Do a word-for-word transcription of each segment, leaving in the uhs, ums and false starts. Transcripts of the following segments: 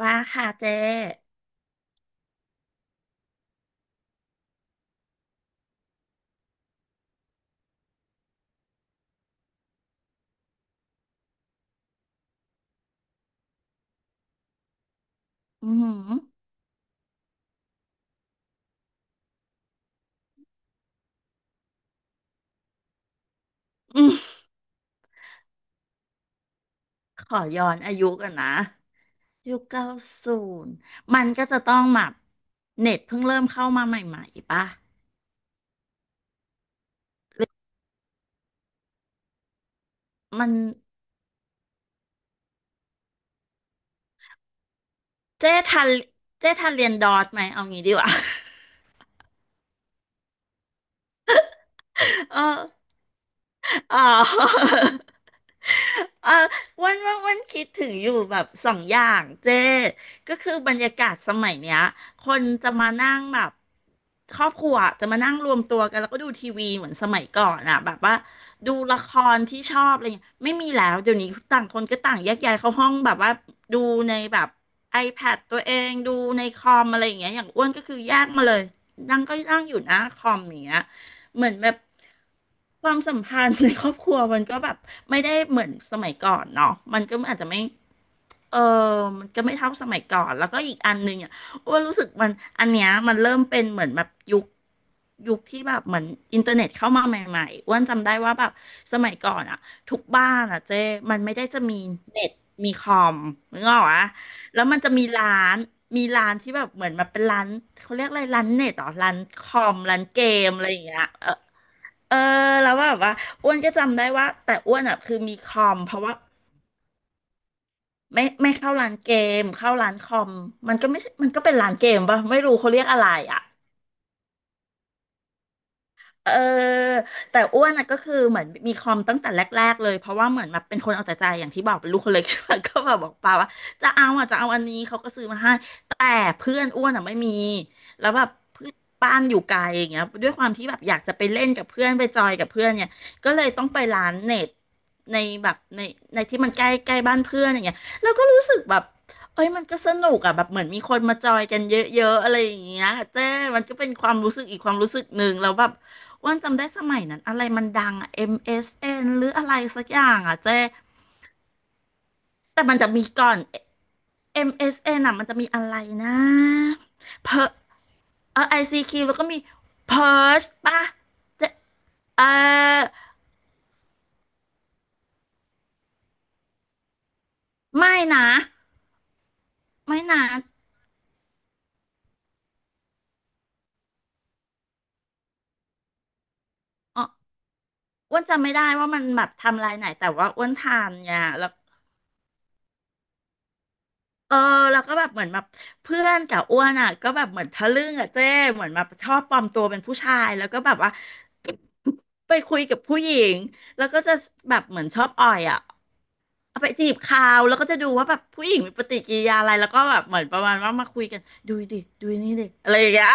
ว่าค่ะเจ๊อืมอหือมขอย้อนอายุกันนะ ยุคเก้าศูนย์ มันก็จะต้องแบบเน็ตเพิ่งเริ่มเข้ามาใหม่ๆป่ะ มันเจ๊ทันเจ๊ทันเรียนดอทไหมเอางี้ดีกว่า เอออ๋อ เออวันวันวันคิดถึงอยู่แบบสองอย่างเจ้ก็คือบรรยากาศสมัยเนี้ยคนจะมานั่งแบบครอบครัวจะมานั่งรวมตัวกันแล้วก็ดูทีวีเหมือนสมัยก่อนอะแบบว่าดูละครที่ชอบอะไรเงี้ยไม่มีแล้วเดี๋ยวนี้ต่างคนก็ต่างแยกย้ายเข้าห้องแบบว่าดูในแบบ iPad ตัวเองดูในคอมอะไรอย่างเงี้ยอย่างอ้วนก็คือแยกมาเลยนั่งก็นั่งอยู่หน้าคอมอย่างเงี้ย เหมือนแบบความสัมพันธ์ในครอบครัวมันก็แบบไม่ได้เหมือนสมัยก่อนเนาะมันก็อาจจะไม่เออมันก็ไม่เท่าสมัยก่อนแล้วก็อีกอันหนึ่งอ่ะอ้วนรู้สึกมันอันเนี้ยมันเริ่มเป็นเหมือนแบบยุคยุคที่แบบเหมือนอินเทอร์เน็ตเข้ามาใหม่ๆอ้วนจำได้ว่าแบบสมัยก่อนอ่ะทุกบ้านอ่ะเจ้มันไม่ได้จะมีเน็ตมีคอมนึกออกอะแล้วมันจะมีร้านมีร้านที่แบบเหมือนแบบเป็นร้านเขาเรียกอะไรร้านเน็ตเหรอร้านคอมร้านเกมอะไรอย่างเงี้ยเออ เออแล้วแบบว่าอ้วนก็จำได้ว่าแต่อ้วนอ่ะคือมีคอมเพราะว่าไม่ไม่เข้าร้านเกมเข้าร้านคอมมันก็ไม่ใช่มันก็เป็นร้านเกมป่ะไม่รู้เขาเรียกอะไรอ่ะ เออแต่อ้วนน่ะก็คือเหมือนมีคอมตั้งแต่แรกๆเลยเพราะว่าเหมือนแบบเป็นคนเอาแต่ใจอย่างที่บอกเป็นลูกคนเล็กใช่ไหมก็แบบบอกป้าว่าจะเอาอ่ะจะเอาอันนี้เขาก็ซื้อมาให้แต่เพื่อนอ้วนอ่ะไม่มีแล้วแบบเพื่อนบ้านอยู่ไกลอย่างเงี้ยด้วยความที่แบบอยากจะไปเล่นกับเพื่อนไปจอยกับเพื่อนเนี่ยก็เลยต้องไปร้านเน็ตในแบบในในที่มันใกล้ใกล้บ้านเพื่อนอย่างเงี้ยแล้วก็รู้สึกแบบเอ้ยมันก็สนุกอ่ะแบบเหมือนมีคนมาจอยกันเยอะๆอะไรอย่างเงี้ยเจ้มันก็เป็นความรู้สึกอีกความรู้สึกหนึ่งแล้วแบบ อ้วนจำได้สมัยนั้นอะไรมันดังอะ เอ็ม เอส เอ็น หรืออะไรสักอย่างอะเจ๊แต่มันจะมีก่อน เอ็ม เอส เอ็น อมเอสเอ็นอะมันจะมีอะไรนะเพอเออ ไอ ซี คิว แล้วก็มี Perch ป่ะเจ๊เออไม่นะไม่นะอ๋ออ้วนจำไม่ได้ว่ามันแบบทำลายไหนแต่ว่าอ้วนทานเนี่ยแล้ว เออแล้วก็แบบเหมือนแบบเพื่อนกับอ้วนอ่ะก็แบบเหมือนทะลึ่งอ่ะเจ้เหมือนแบบชอบปลอมตัวเป็นผู้ชายแล้วก็แบบว่า ไปคุยกับผู้หญิงแล้วก็จะแบบเหมือนชอบอ่อยอ่ะเอาไปจีบเขาแล้วก็จะดูว่าแบบผู้หญิงมีปฏิกิริยาอะไรแล้วก็แบบเหมือนประมาณว่ามาคุยกันดูดิดูนี่ดิอะไรอย่างเงี้ย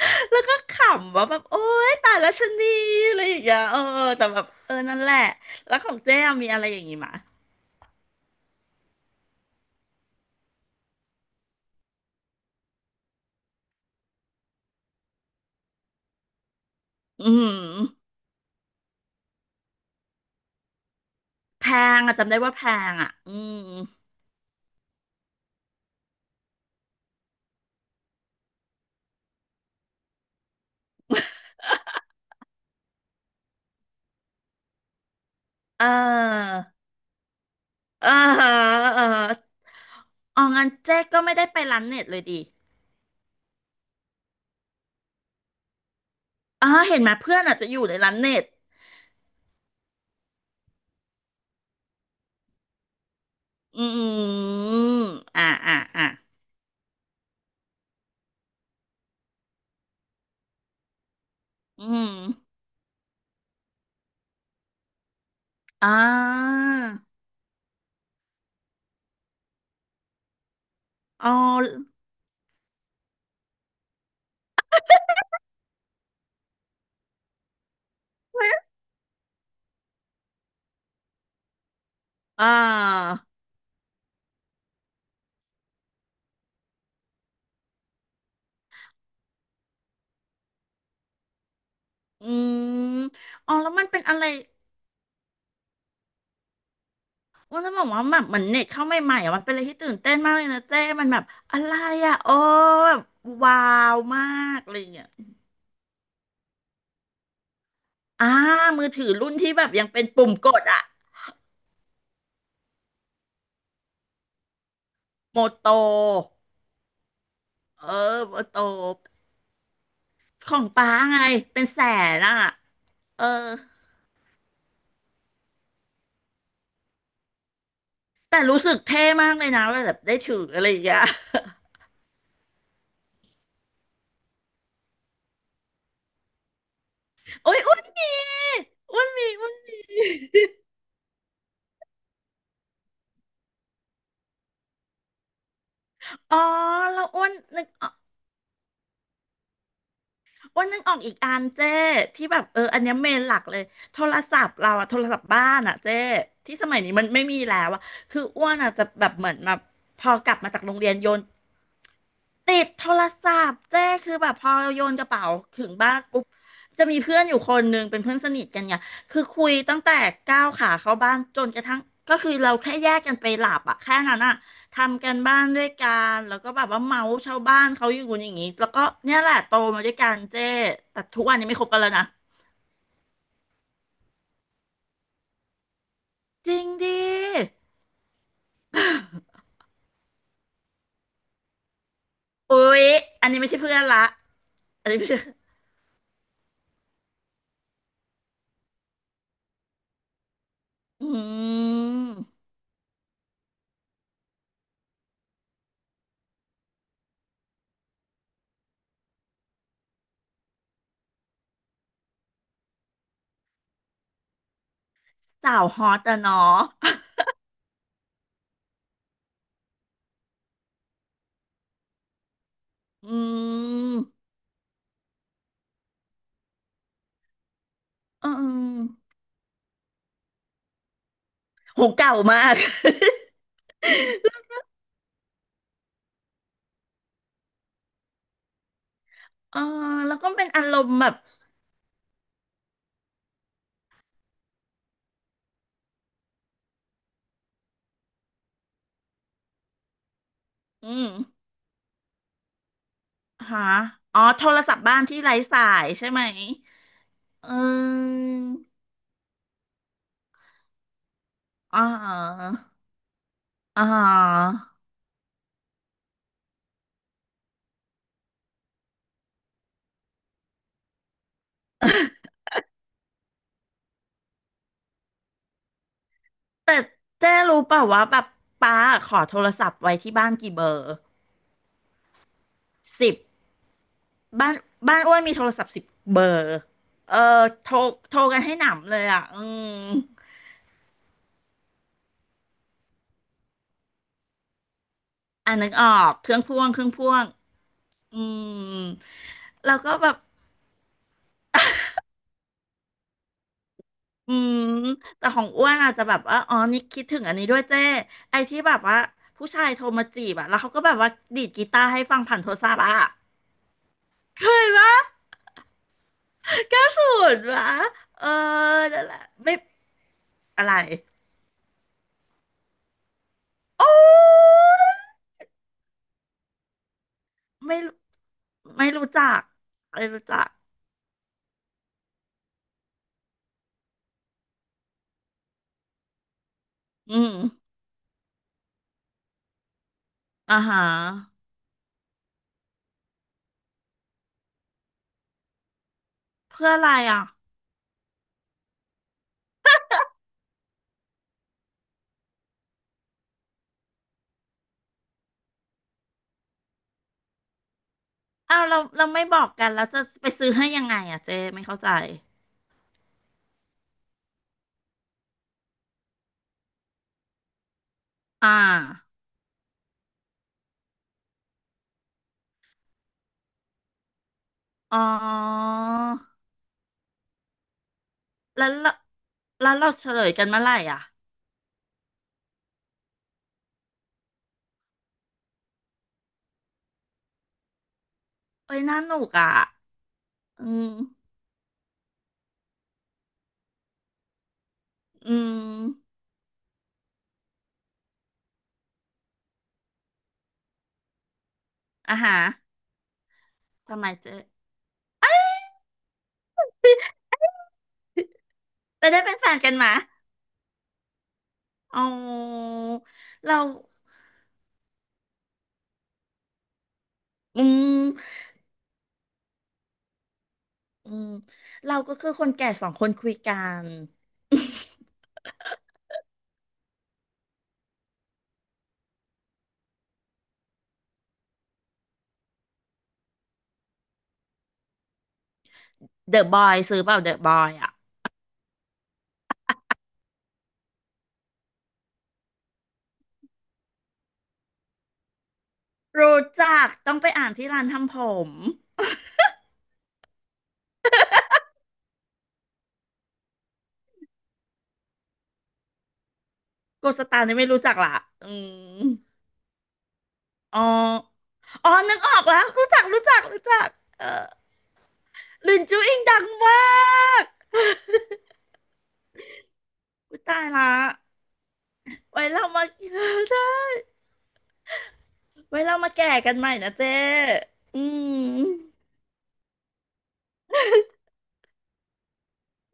แล้วก็ขำว่าแบบโอ๊ยตายแล้วชะนีอะไรอย่างเงี้ยเออแต่แบบเออนั่นแหละแล้วของเจ้มีอะไรอย่างงี้มะอืมแพงอะจำได้ว่าแพงอ่ะอืม อ่าอ่าฮะอ่าฮะอ๋องั้นเจ๊ก็ไม่ได้ไปร้านเน็ตเลยดิอ๋อเห็นไหมเพื่อนอาจจะอยู่ในร้านเน็ตอืมอ่าอ่าอ่าอืมอ่าอ๋ออ่าอืมอ๋อแล้วมันเป็นอะไรว่าจะบอกว่าแบบเหมือนเน็ตเข้าใหม่ๆอ่ะมันเป็นอะไรที่ตื่นเต้นมากเลยนะเจ๊มันแบบอะไรอ่ะโอ้แบบว้าวมากอะไรอย่างเงี้ยอ่ามือถือรุ่นที่แบบยังเป็นปุ่มกดอ่ะโมโต เออโอโตบของป้าไงเป็นแสนอ่ะเออแต่รู้สึกเท่มากเลยนะเวลาแบบได้ถืออะไรอย่างเงี้ย โอ้ยอ้วนหมีอ้วนหมีอ้วนหมี อ๋อเราอ้วนนึกออกอ้วนนึกออกอีกอันเจ้ที่แบบเอออันเนี้ยเมนหลักเลยโทรศัพท์เราอะโทรศัพท์บ้านอะเจ้ที่สมัยนี้มันไม่มีแล้วอะคืออ้วนอะจะแบบเหมือนแบบพอกลับมาจากโรงเรียนโยน ติดโทรศัพท์เจ้คือแบบพอโยนกระเป๋าถึงบ้านปุ๊บจะมีเพื่อนอยู่คนหนึ่งเป็นเพื่อนสนิทกันเนี่ยคือคุยตั้งแต่ก้าวขาเข้าบ้านจนกระทั่งก็คือเราแค่แยกกันไปหลับอะแค่นั้นอะทำกันบ้านด้วยกันแล้วก็แบบว่าเมาส์ชาวบ้านเขาอยู่อย่างนี้แล้วก็เนี่ยแหละโตมาด้วยกันเจ้แต่ทุกวันนี้ไม่คบกันแล้วนะจริงดิอุ๊ยอันนี้ไม่ใช่เพื่อนละอันนี้ไม่ใช่อืมสาวฮอตอะเนาะอืมอืม โหเก่ามาก เออ แล้วก็เป็นอารมณ์แบบอืมหาอ๋อโทรศัพท์บ้านที่ไร้สายใช่ไหมเอออ๋ออ๋อแต่เจ๊รู้เปล่าว่าแบบป้าขอโทรศัพท์ไว้ที่บ้านกี่เบอร์สิบบ้านบ้านอ้วนมีโทรศัพท์สิบเบอร์เออโทรโทรกันให้หนำเลยอ่ะอืมอ่านึกออกเครื่องพ่วงเครื่องพ่วงอืมแล้วก็แบบ อืมแต่ของอ้วนอาจจะแบบว่าอ๋อนี่คิดถึงอันนี้ด้วยเจ้ไอ้ที่แบบว่าผู้ชายโทรมาจีบอะแล้วเขาก็แบบว่าดีดกีตาร์ให้ฟังผ่านโทรศัพท์อะเคยปะเก้าศูนย์ปะเออนั่นแหละไม่อะไรโอ้ไม่รู้ไม่รู้จักไม่รู้จักอืมอ่าฮะเพื่ออะไรอ่ะอ้าวเราเราไม่บอกกันแล้วจะไปซื้อให้ยังไงอ่ะเจ้ไม่เข้าใจอ่าอ๋อ แล้วเราแล้วเราเฉลยกันเมื่อไหร่อ่ะเอ้ยน่าหนุกอ่ะอืมอืมอ่ะฮะทำไมเจ๊ไปได้เป็นแฟนกันมาอ๋อเราอืมอืมเราก็คือคนแก่สองคนคุยกัน เดอะบอยซื้อเปล่าเดอะบอยอ่ะรู้จักต้องไปอ่านที่ร้านทำผมโกสตาร์นี่ไม่รู้จักละอืมอ๋ออ๋อนึกออกแล้วรู้จักรู้จักรู้จักเออ ลินจูอิงดังมาก อุ๊ยตายละไว้เรามา ได้ไว้เรามาแก่กันใหม่นะเจ้อืม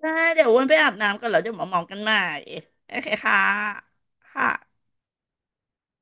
ได้เดี๋ยวอ้วนไปอาบน้ำก่อนแล้วเดี๋ยวมาเมากันใหม่ โอเคค่ะ ค่ะ